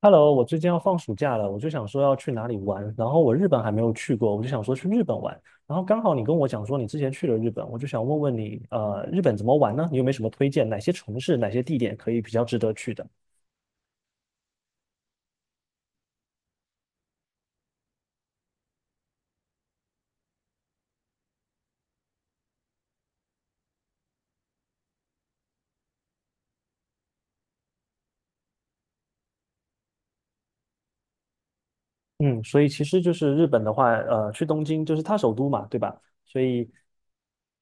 Hello，我最近要放暑假了，我就想说要去哪里玩，然后我日本还没有去过，我就想说去日本玩，然后刚好你跟我讲说你之前去了日本，我就想问问你，日本怎么玩呢？你有没有什么推荐？哪些城市、哪些地点可以比较值得去的？嗯，所以其实就是日本的话，去东京就是它首都嘛，对吧？所以，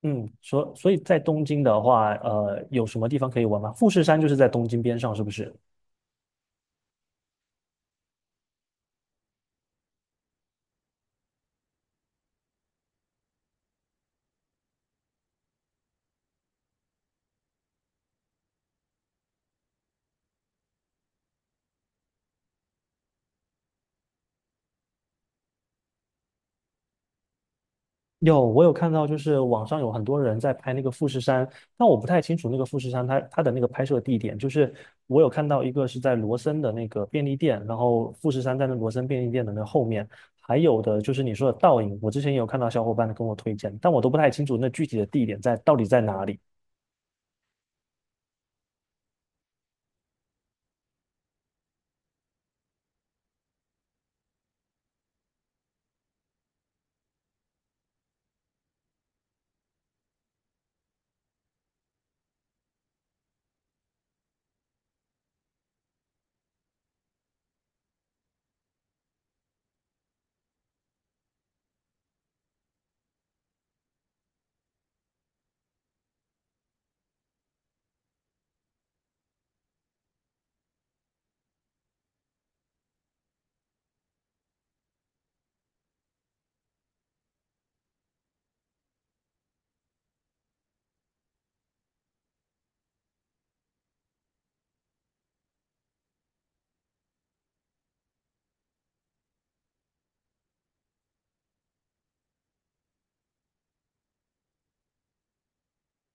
嗯，所以在东京的话，有什么地方可以玩吗？富士山就是在东京边上，是不是？有，我有看到，就是网上有很多人在拍那个富士山，但我不太清楚那个富士山它的那个拍摄地点。就是我有看到一个是在罗森的那个便利店，然后富士山在那罗森便利店的那后面，还有的就是你说的倒影，我之前也有看到小伙伴跟我推荐，但我都不太清楚那具体的地点在到底在哪里。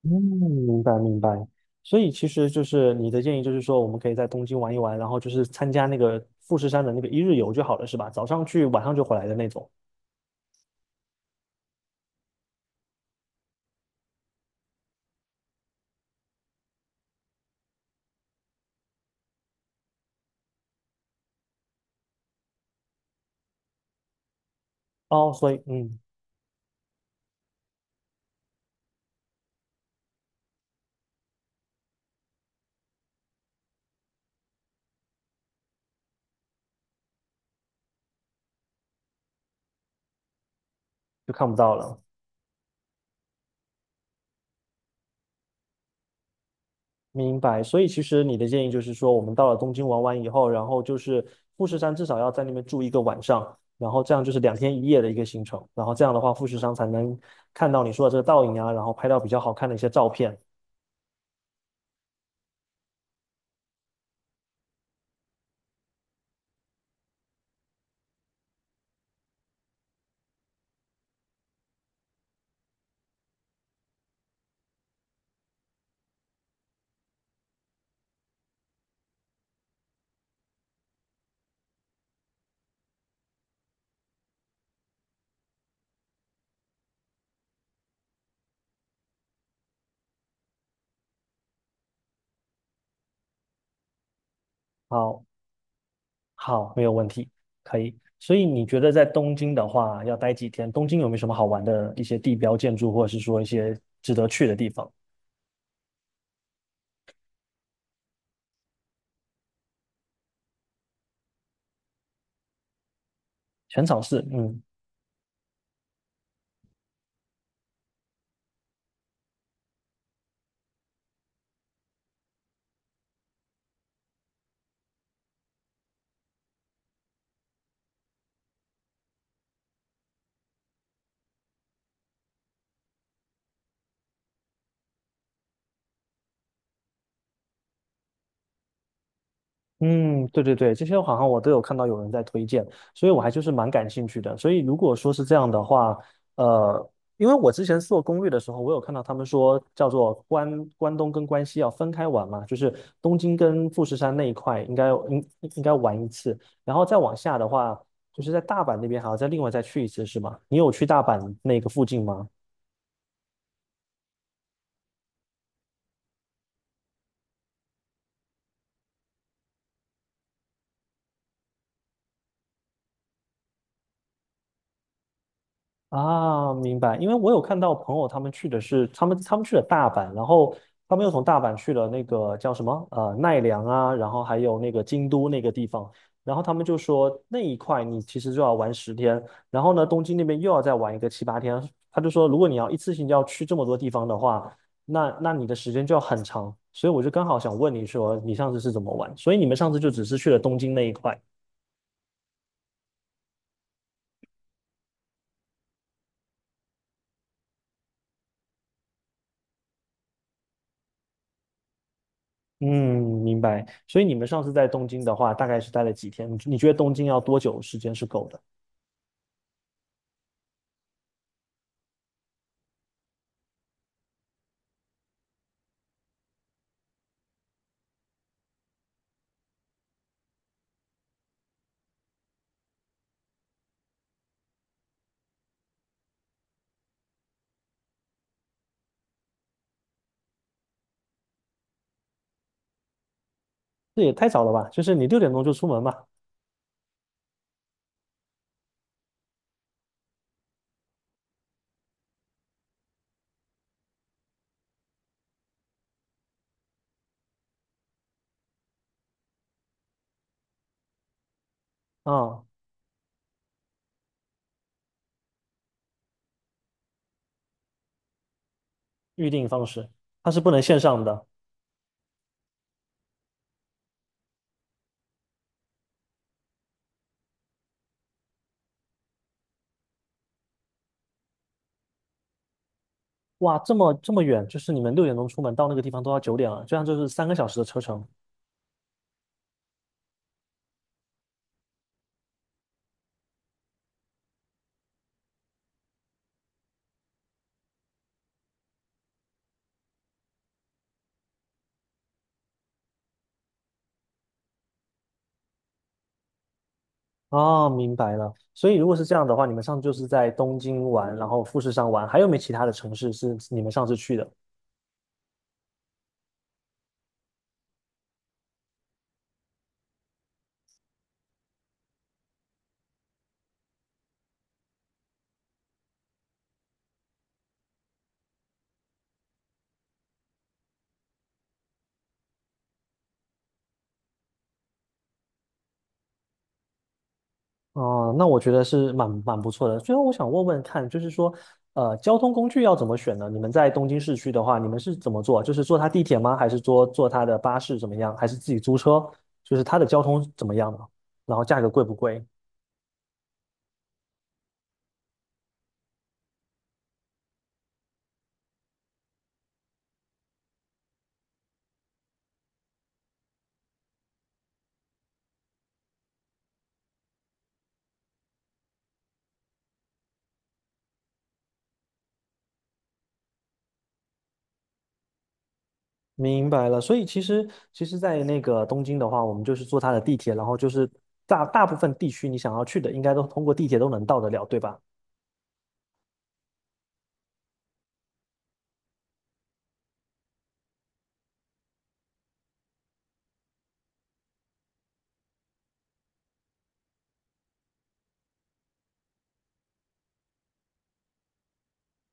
嗯，明白明白。所以其实就是你的建议，就是说我们可以在东京玩一玩，然后就是参加那个富士山的那个一日游就好了，是吧？早上去，晚上就回来的那种。哦，所以嗯。就看不到了。明白，所以其实你的建议就是说，我们到了东京玩完以后，然后就是富士山至少要在那边住一个晚上，然后这样就是两天一夜的一个行程，然后这样的话，富士山才能看到你说的这个倒影啊，然后拍到比较好看的一些照片。好，好，没有问题，可以。所以你觉得在东京的话要待几天？东京有没有什么好玩的一些地标建筑，或者是说一些值得去的地方？全场是，嗯。嗯，对对对，这些好像我都有看到有人在推荐，所以我还就是蛮感兴趣的。所以如果说是这样的话，呃，因为我之前做攻略的时候，我有看到他们说叫做关东跟关西要分开玩嘛，就是东京跟富士山那一块应该玩一次，然后再往下的话，就是在大阪那边还要再另外再去一次，是吗？你有去大阪那个附近吗？啊，明白。因为我有看到朋友他们去的是他们去了大阪，然后他们又从大阪去了那个叫什么呃奈良啊，然后还有那个京都那个地方，然后他们就说那一块你其实就要玩10天，然后呢东京那边又要再玩一个7、8天，他就说如果你要一次性要去这么多地方的话，那你的时间就要很长，所以我就刚好想问你说你上次是怎么玩，所以你们上次就只是去了东京那一块。嗯，明白。所以你们上次在东京的话，大概是待了几天？你觉得东京要多久时间是够的？这也太早了吧？就是你六点钟就出门嘛？啊，预定方式它是不能线上的。哇，这么这么远，就是你们六点钟出门到那个地方都要9点了，这样就是3个小时的车程。哦，明白了。所以如果是这样的话，你们上次就是在东京玩，然后富士山玩，还有没其他的城市是你们上次去的？哦，那我觉得是蛮蛮不错的。最后我想问问看，就是说，交通工具要怎么选呢？你们在东京市区的话，你们是怎么做？就是坐它地铁吗？还是坐它的巴士怎么样？还是自己租车？就是它的交通怎么样呢？然后价格贵不贵？明白了。所以其实，在那个东京的话，我们就是坐它的地铁，然后就是大大部分地区你想要去的，应该都通过地铁都能到得了，对吧？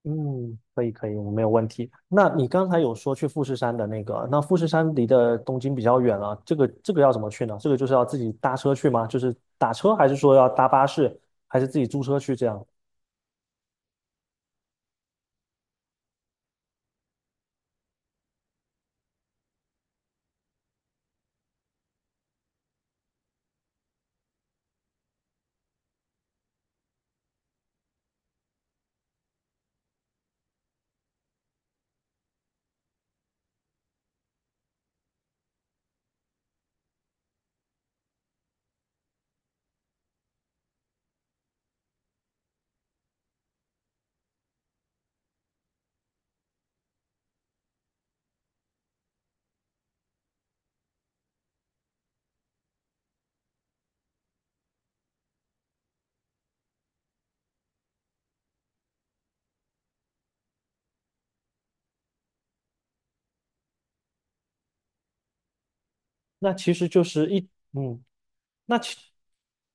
嗯，可以可以，我没有问题。那你刚才有说去富士山的那个，那富士山离的东京比较远了，这个要怎么去呢？这个就是要自己搭车去吗？就是打车，还是说要搭巴士，还是自己租车去这样？那其实就是一，嗯，那其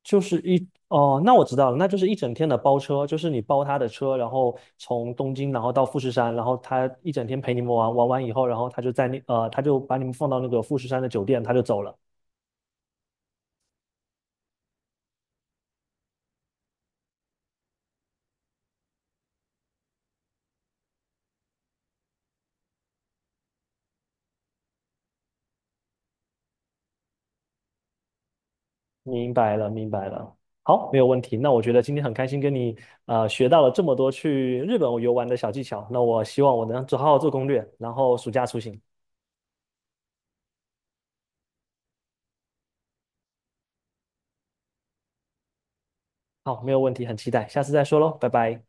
就是一，哦，那我知道了，那就是一整天的包车，就是你包他的车，然后从东京，然后到富士山，然后他一整天陪你们玩，玩完以后，然后他就在那，他就把你们放到那个富士山的酒店，他就走了。明白了，明白了。好，没有问题。那我觉得今天很开心跟你学到了这么多去日本游玩的小技巧。那我希望我能做好好做攻略，然后暑假出行。好，没有问题，很期待。下次再说喽，拜拜。